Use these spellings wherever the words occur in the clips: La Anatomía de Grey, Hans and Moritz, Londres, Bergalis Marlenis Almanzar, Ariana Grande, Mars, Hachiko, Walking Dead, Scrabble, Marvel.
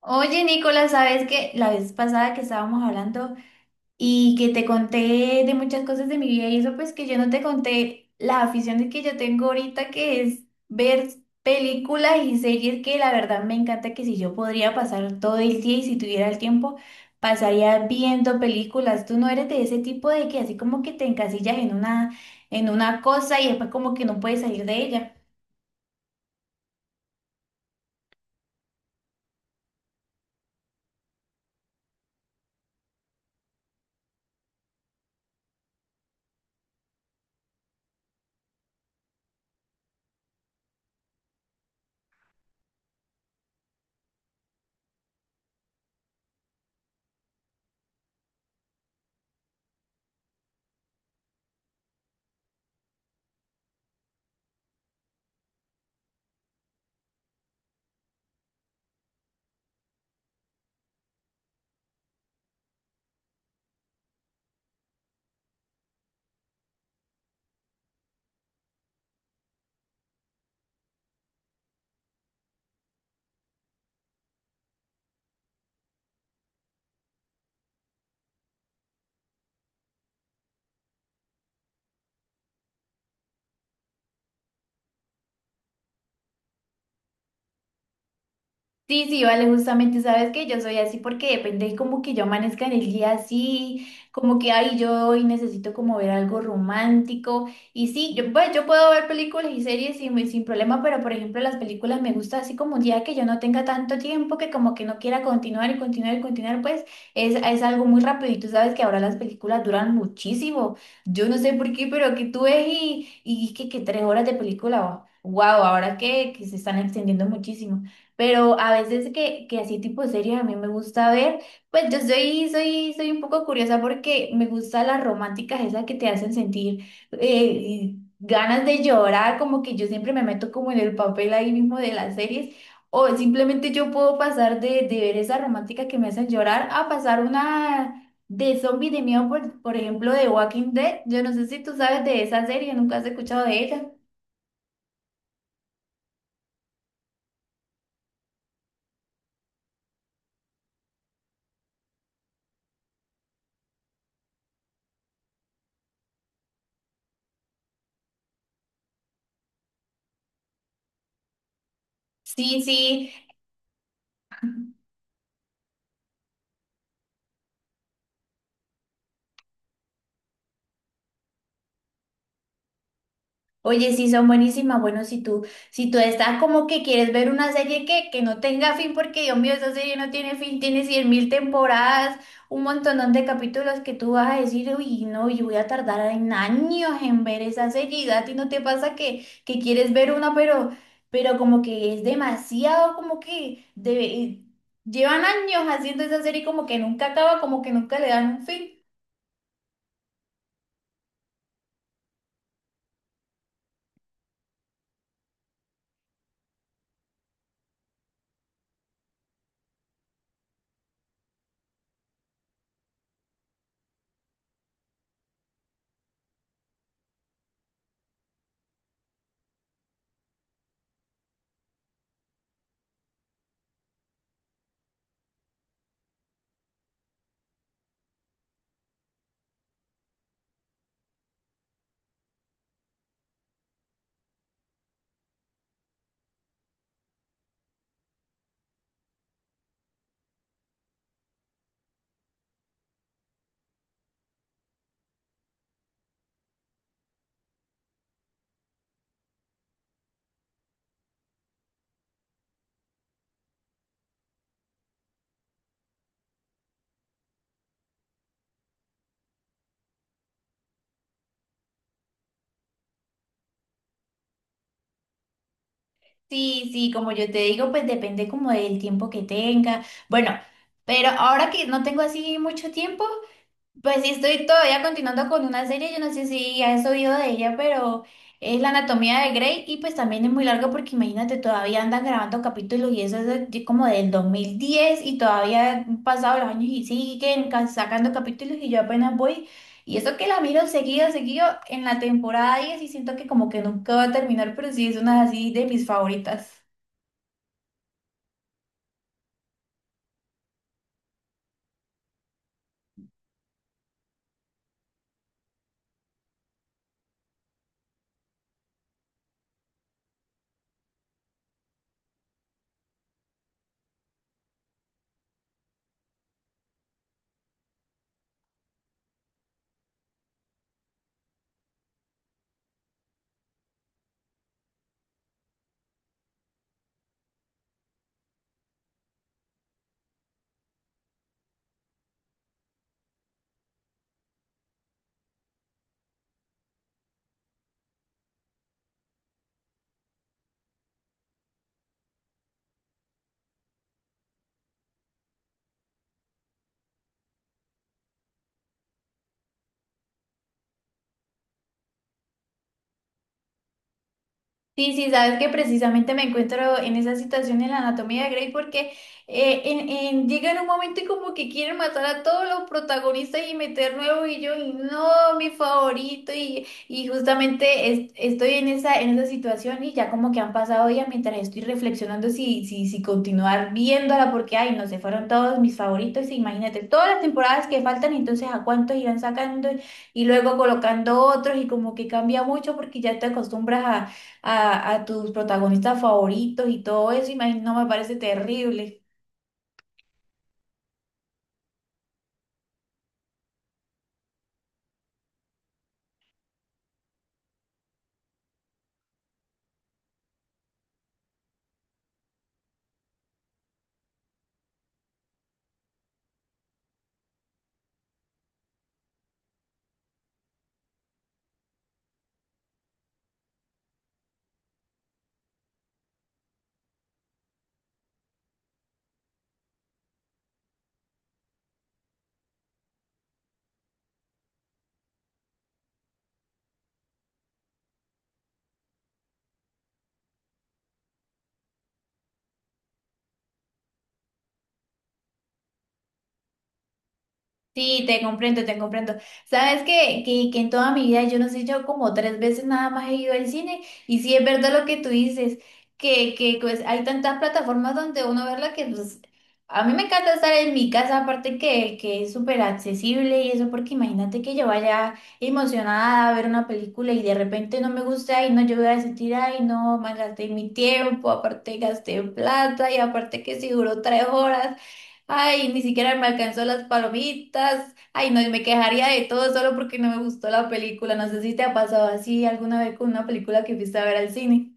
Oye, Nicolás, ¿sabes que la vez pasada que estábamos hablando y que te conté de muchas cosas de mi vida y eso? Pues que yo no te conté las aficiones que yo tengo ahorita, que es ver películas y series que la verdad me encanta, que si yo podría pasar todo el día y si tuviera el tiempo, pasaría viendo películas. Tú no eres de ese tipo de que así como que te encasillas en una cosa y después como que no puedes salir de ella. Sí, sí, vale, justamente sabes que yo soy así porque depende como que yo amanezca en el día así, como que ay, yo hoy necesito como ver algo romántico y sí, yo, pues, yo puedo ver películas y series sin problema, pero por ejemplo las películas me gusta así como un día que yo no tenga tanto tiempo que como que no quiera continuar y continuar y continuar, pues es algo muy rápido y tú sabes que ahora las películas duran muchísimo, yo no sé por qué, pero que tú ves y que tres horas de película, wow, ahora que se están extendiendo muchísimo. Pero a veces que así tipo series a mí me gusta ver, pues yo soy, soy, soy un poco curiosa porque me gustan las románticas, esas que te hacen sentir ganas de llorar, como que yo siempre me meto como en el papel ahí mismo de las series, o simplemente yo puedo pasar de ver esa romántica que me hacen llorar a pasar una de zombie de miedo, por ejemplo, de Walking Dead. Yo no sé si tú sabes de esa serie, nunca has escuchado de ella. Sí, sí. Oye, sí, son buenísimas. Bueno, si tú, si tú estás como que quieres ver una serie que no tenga fin, porque Dios mío, esa serie no tiene fin, tiene cien mil temporadas, un montón de capítulos que tú vas a decir, uy, no, yo voy a tardar en años en ver esa serie. Y a ti no te pasa que quieres ver una, pero como que es demasiado, como que llevan años haciendo esa serie como que nunca acaba, como que nunca le dan un fin. Sí, sí, como yo te digo, pues depende como del tiempo que tenga. Bueno, pero ahora que no tengo así mucho tiempo, pues sí, estoy todavía continuando con una serie, yo no sé si has oído de ella, pero es La Anatomía de Grey y pues también es muy larga porque imagínate, todavía andan grabando capítulos y eso es de como del 2010 y todavía han pasado los años y siguen sacando capítulos y yo apenas voy. Y eso que la miro seguido, seguido en la temporada 10 y siento que como que nunca va a terminar, pero sí es una así de mis favoritas. Sí, sí, sabes que precisamente me encuentro en esa situación en la anatomía de Grey porque llega en un momento y como que quieren matar a todos los protagonistas y meter nuevo y yo, y no, mi favorito y justamente estoy en esa situación y ya como que han pasado días mientras estoy reflexionando si, si, si continuar viéndola porque, ay, no se fueron todos mis favoritos, imagínate, todas las temporadas que faltan, entonces a cuántos irán sacando y luego colocando otros y como que cambia mucho porque ya te acostumbras a tus protagonistas favoritos y todo eso, imagino, me parece terrible. Sí, te comprendo, te comprendo. Sabes que en toda mi vida, yo no sé, yo como tres veces nada más he ido al cine y sí es verdad lo que tú dices, que pues hay tantas plataformas donde uno verla que pues a mí me encanta estar en mi casa, aparte que es súper accesible y eso, porque imagínate que yo vaya emocionada a ver una película y de repente no me gusta y no, yo voy a sentir, ay, no, me mi tiempo, aparte gasté plata y aparte que si duró tres horas. Ay, ni siquiera me alcanzó las palomitas. Ay, no, y me quejaría de todo solo porque no me gustó la película. No sé si te ha pasado así alguna vez con una película que fuiste a ver al cine.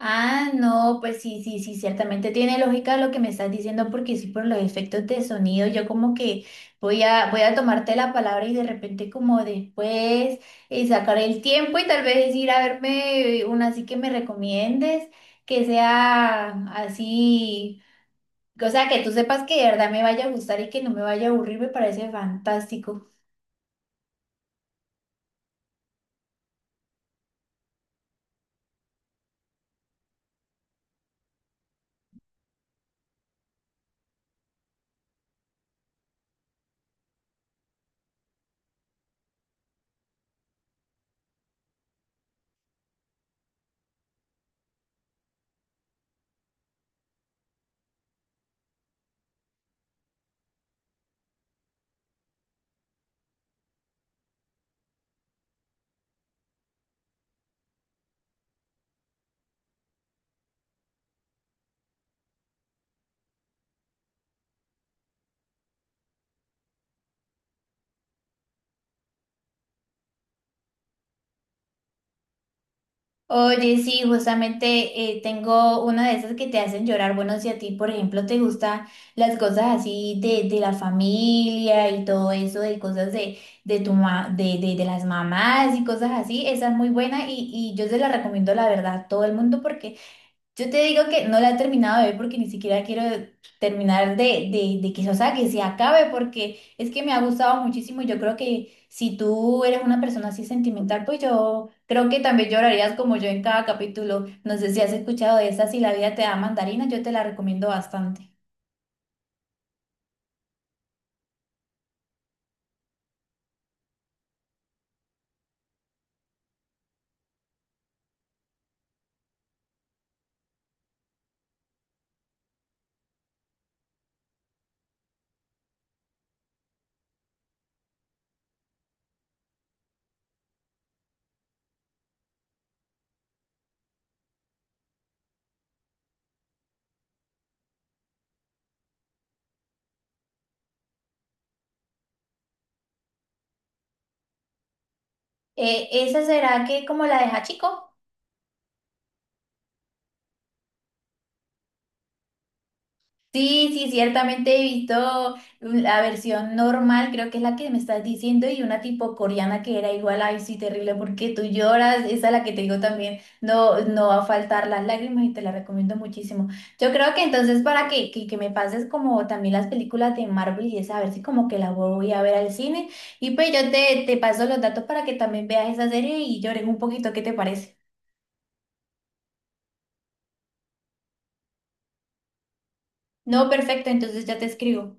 Ah, no, pues sí, sí, sí, ciertamente tiene lógica lo que me estás diciendo porque sí, por los efectos de sonido, yo como que voy a tomarte la palabra y de repente como después sacar el tiempo y tal vez ir a verme una así que me recomiendes, que sea así. O sea, que tú sepas que de verdad me vaya a gustar y que no me vaya a aburrir, me parece fantástico. Oye, sí, justamente tengo una de esas que te hacen llorar. Bueno, si a ti, por ejemplo, te gustan las cosas así de la familia y todo eso, de cosas de, de las mamás y cosas así, esa es muy buena y yo se la recomiendo, la verdad, a todo el mundo porque yo te digo que no la he terminado de ver porque ni siquiera quiero terminar de que, o sea, que se acabe porque es que me ha gustado muchísimo. Y yo creo que si tú eres una persona así sentimental, pues yo creo que también llorarías como yo en cada capítulo. No sé si has escuchado de esa, si la vida te da mandarina, yo te la recomiendo bastante. ¿Esa será que como la de Hachiko? Sí, sí, ciertamente he visto la versión normal, creo que es la que me estás diciendo, y una tipo coreana que era igual, ay, sí, terrible, porque tú lloras, esa es la que te digo también, no, no va a faltar las lágrimas y te la recomiendo muchísimo. Yo creo que entonces para que me pases como también las películas de Marvel y esa, a ver si como que la voy a ver al cine, y pues yo te, te paso los datos para que también veas esa serie y llores un poquito, ¿qué te parece? No, perfecto, entonces ya te escribo.